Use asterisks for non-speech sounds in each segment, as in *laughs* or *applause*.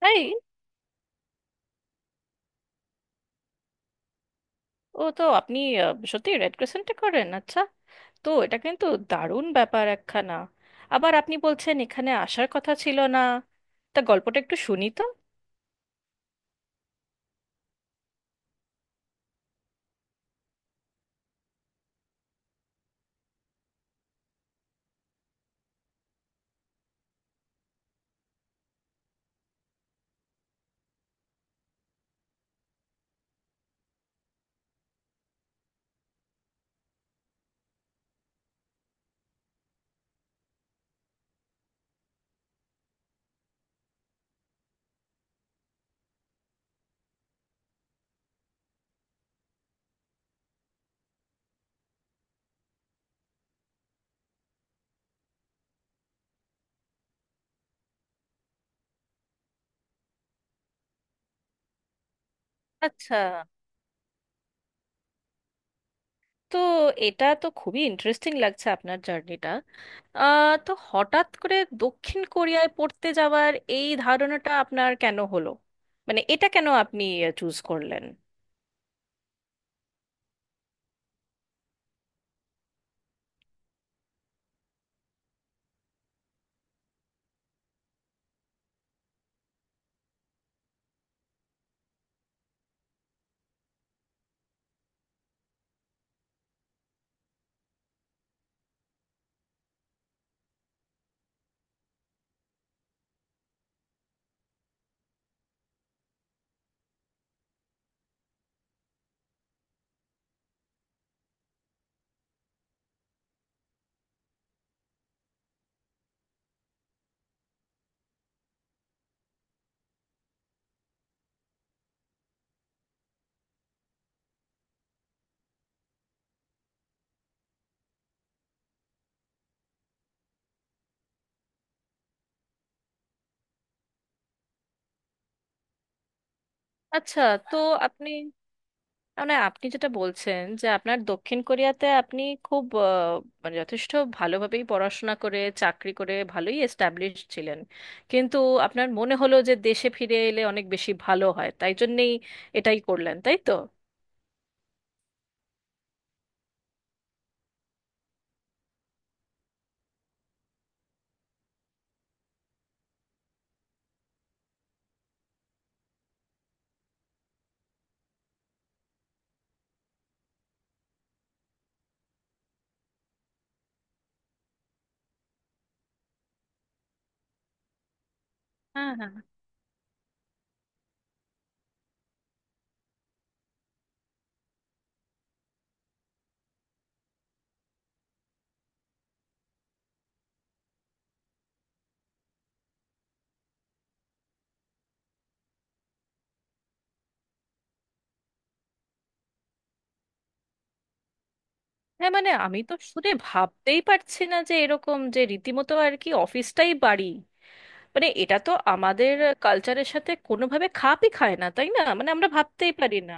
তাই। ও তো আপনি সত্যি রেড ক্রিসেন্টে করেন? আচ্ছা, তো এটা কিন্তু দারুণ ব্যাপার একখানা। আবার আপনি বলছেন এখানে আসার কথা ছিল না। তা গল্পটা একটু শুনি তো। আচ্ছা, তো এটা তো খুবই ইন্টারেস্টিং লাগছে আপনার জার্নিটা। তো হঠাৎ করে দক্ষিণ কোরিয়ায় পড়তে যাওয়ার এই ধারণাটা আপনার কেন হলো? মানে এটা কেন আপনি চুজ করলেন? আচ্ছা, তো আপনি মানে আপনি যেটা বলছেন যে আপনার দক্ষিণ কোরিয়াতে আপনি খুব মানে যথেষ্ট ভালোভাবেই পড়াশোনা করে চাকরি করে ভালোই এস্টাবলিশ ছিলেন। কিন্তু আপনার মনে হলো যে দেশে ফিরে এলে অনেক বেশি ভালো হয়, তাই জন্যেই এটাই করলেন, তাই তো? হ্যাঁ হ্যাঁ হ্যাঁ, মানে আমি তো শুনে ভাবতেই পারছি না যে এরকম, যে রীতিমতো আর কি অফিসটাই বাড়ি। মানে এটা তো আমাদের কালচারের সাথে কোনোভাবে খাপই খায় না, তাই না? মানে আমরা ভাবতেই পারি না।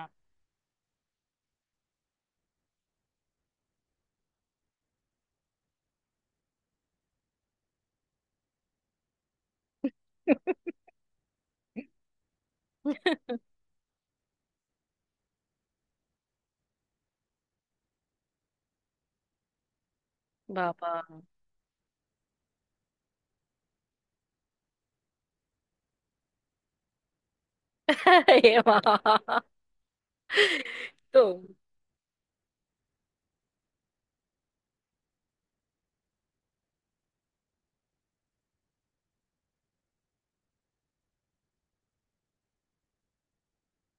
বাবা। *laughs* এ মা! তো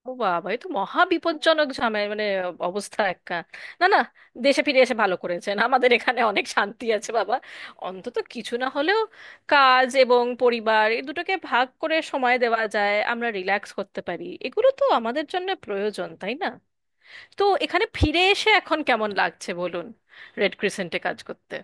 ও বাবা, এ তো মহা বিপজ্জনক ঝামেলা, মানে অবস্থা একটা। না না, দেশে ফিরে এসে ভালো করেছেন, আমাদের এখানে অনেক শান্তি আছে, বাবা। অন্তত কিছু না হলেও কাজ এবং পরিবার এই দুটোকে ভাগ করে সময় দেওয়া যায়, আমরা রিল্যাক্স করতে পারি, এগুলো তো আমাদের জন্য প্রয়োজন, তাই না? তো এখানে ফিরে এসে এখন কেমন লাগছে বলুন, রেড ক্রিসেন্টে কাজ করতে?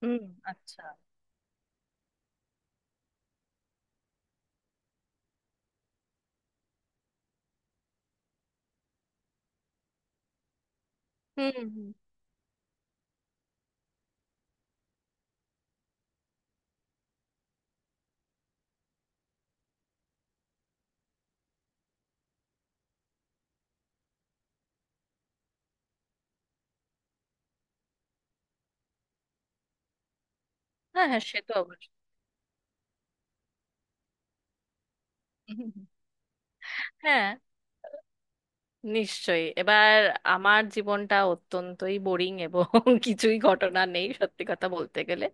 হুম, আচ্ছা। হুম হুম। হ্যাঁ হ্যাঁ, সে তো অবশ্যই। হুম, হুম, হুম। হ্যাঁ, নিশ্চয়ই এবার। আমার জীবনটা অত্যন্তই বোরিং এবং *laughs* কিছুই ঘটনা নেই সত্যি কথা বলতে গেলে।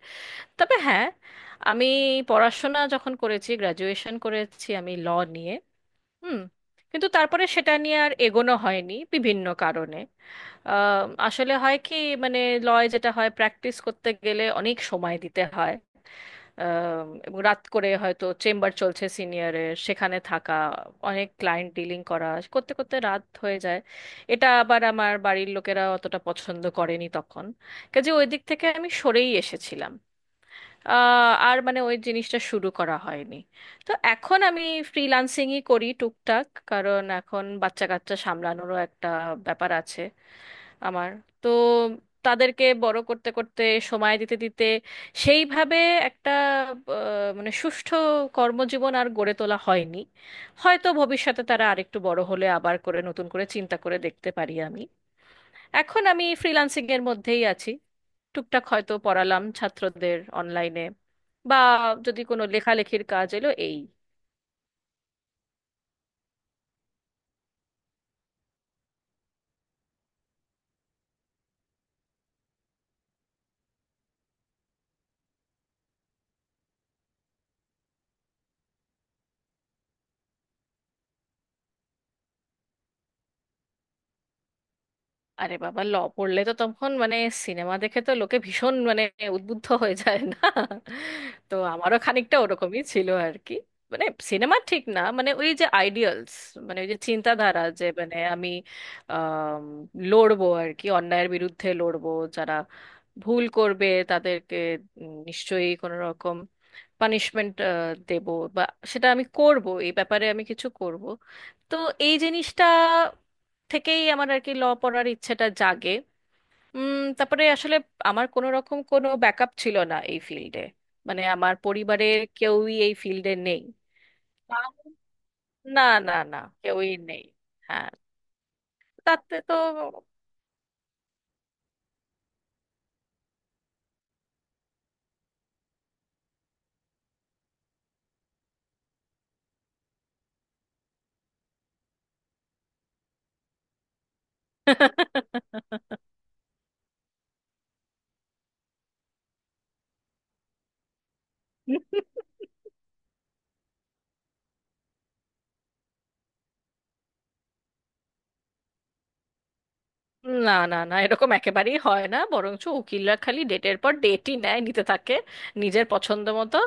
তবে হ্যাঁ, আমি পড়াশোনা যখন করেছি, গ্র্যাজুয়েশন করেছি আমি ল নিয়ে। হুম। কিন্তু তারপরে সেটা নিয়ে আর এগোনো হয়নি বিভিন্ন কারণে। আসলে হয় কি, মানে লয় যেটা হয়, প্র্যাকটিস করতে গেলে অনেক সময় দিতে হয়। এবং রাত করে হয়তো চেম্বার চলছে সিনিয়রের, সেখানে থাকা, অনেক ক্লায়েন্ট ডিলিং করা, করতে করতে রাত হয়ে যায়। এটা আবার আমার বাড়ির লোকেরা অতটা পছন্দ করেনি তখন। কাজে ওই দিক থেকে আমি সরেই এসেছিলাম। আর মানে ওই জিনিসটা শুরু করা হয়নি। তো এখন আমি ফ্রিল্যান্সিংই করি টুকটাক, কারণ এখন বাচ্চা কাচ্চা সামলানোরও একটা ব্যাপার আছে আমার। তো তাদেরকে বড় করতে করতে, সময় দিতে দিতে সেইভাবে একটা মানে সুষ্ঠু কর্মজীবন আর গড়ে তোলা হয়নি। হয়তো ভবিষ্যতে তারা আরেকটু বড় হলে আবার করে নতুন করে চিন্তা করে দেখতে পারি আমি। এখন আমি ফ্রিল্যান্সিং এর মধ্যেই আছি, টুকটাক হয়তো পড়ালাম ছাত্রদের অনলাইনে, বা যদি কোনো লেখালেখির কাজ এলো এই। আরে বাবা, ল পড়লে তো তখন মানে সিনেমা দেখে তো লোকে ভীষণ মানে উদ্বুদ্ধ হয়ে যায় না? তো আমারও খানিকটা ওরকমই ছিল আর কি। মানে সিনেমা ঠিক না, মানে ওই যে আইডিয়ালস, মানে ওই যে চিন্তাধারা, যে মানে আমি আম, লড়বো আর কি, অন্যায়ের বিরুদ্ধে লড়বো। যারা ভুল করবে তাদেরকে নিশ্চয়ই কোনো রকম পানিশমেন্ট দেব, বা সেটা আমি করব, এই ব্যাপারে আমি কিছু করব। তো এই জিনিসটা থেকেই আমার আর কি ল পড়ার ইচ্ছেটা জাগে। উম, তারপরে আসলে আমার কোনো রকম কোনো ব্যাকআপ ছিল না এই ফিল্ডে, মানে আমার পরিবারের কেউই এই ফিল্ডে নেই। আম, না। না না, কেউই নেই। হ্যাঁ। তাতে তো। *laughs* না না না, এরকম একেবারেই হয় না, বরঞ্চ উকিলরা খালি ডেটের পর ডেটই নেয়, নিতে থাকে নিজের পছন্দ মতো।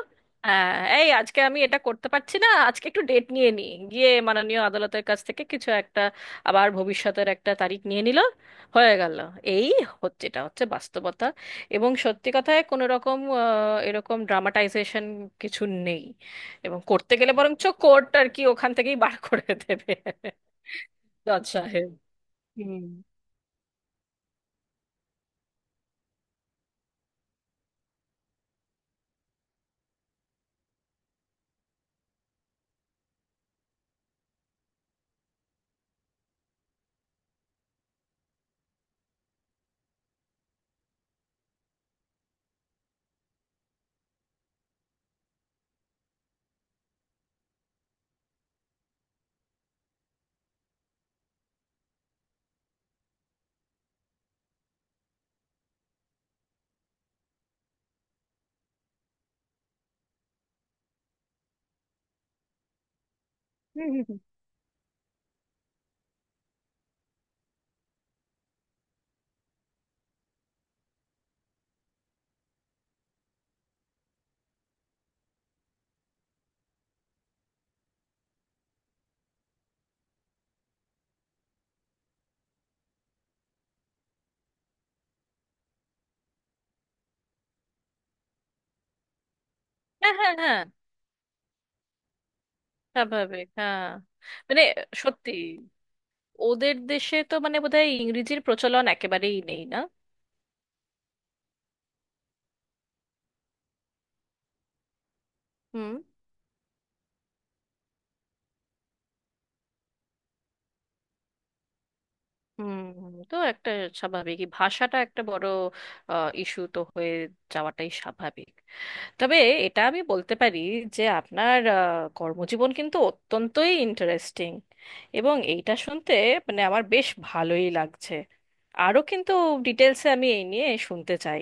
হ্যাঁ, এই আজকে আমি এটা করতে পারছি না, আজকে একটু ডেট নিয়ে নিই গিয়ে মাননীয় আদালতের কাছ থেকে কিছু একটা। আবার ভবিষ্যতের একটা তারিখ নিয়ে নিল, হয়ে গেল। এই হচ্ছে, এটা হচ্ছে বাস্তবতা। এবং সত্যি কথায় কোনো রকম এরকম ড্রামাটাইজেশন কিছু নেই। এবং করতে গেলে বরঞ্চ কোর্ট আর কি ওখান থেকেই বার করে দেবে, জজ সাহেব। হুম। হ্যাঁ হ্যাঁ হ্যাঁ, স্বাভাবিক, হ্যাঁ। মানে সত্যি, ওদের দেশে তো মানে বোধহয় ইংরেজির প্রচলন একেবারেই নেই, না? হুম। হুম, তো একটা স্বাভাবিক, এই ভাষাটা একটা বড় ইস্যু তো হয়ে যাওয়াটাই স্বাভাবিক। তবে এটা আমি বলতে পারি যে আপনার কর্মজীবন কিন্তু অত্যন্তই ইন্টারেস্টিং, এবং এইটা শুনতে মানে আমার বেশ ভালোই লাগছে। আরও কিন্তু ডিটেলসে আমি এই নিয়ে শুনতে চাই।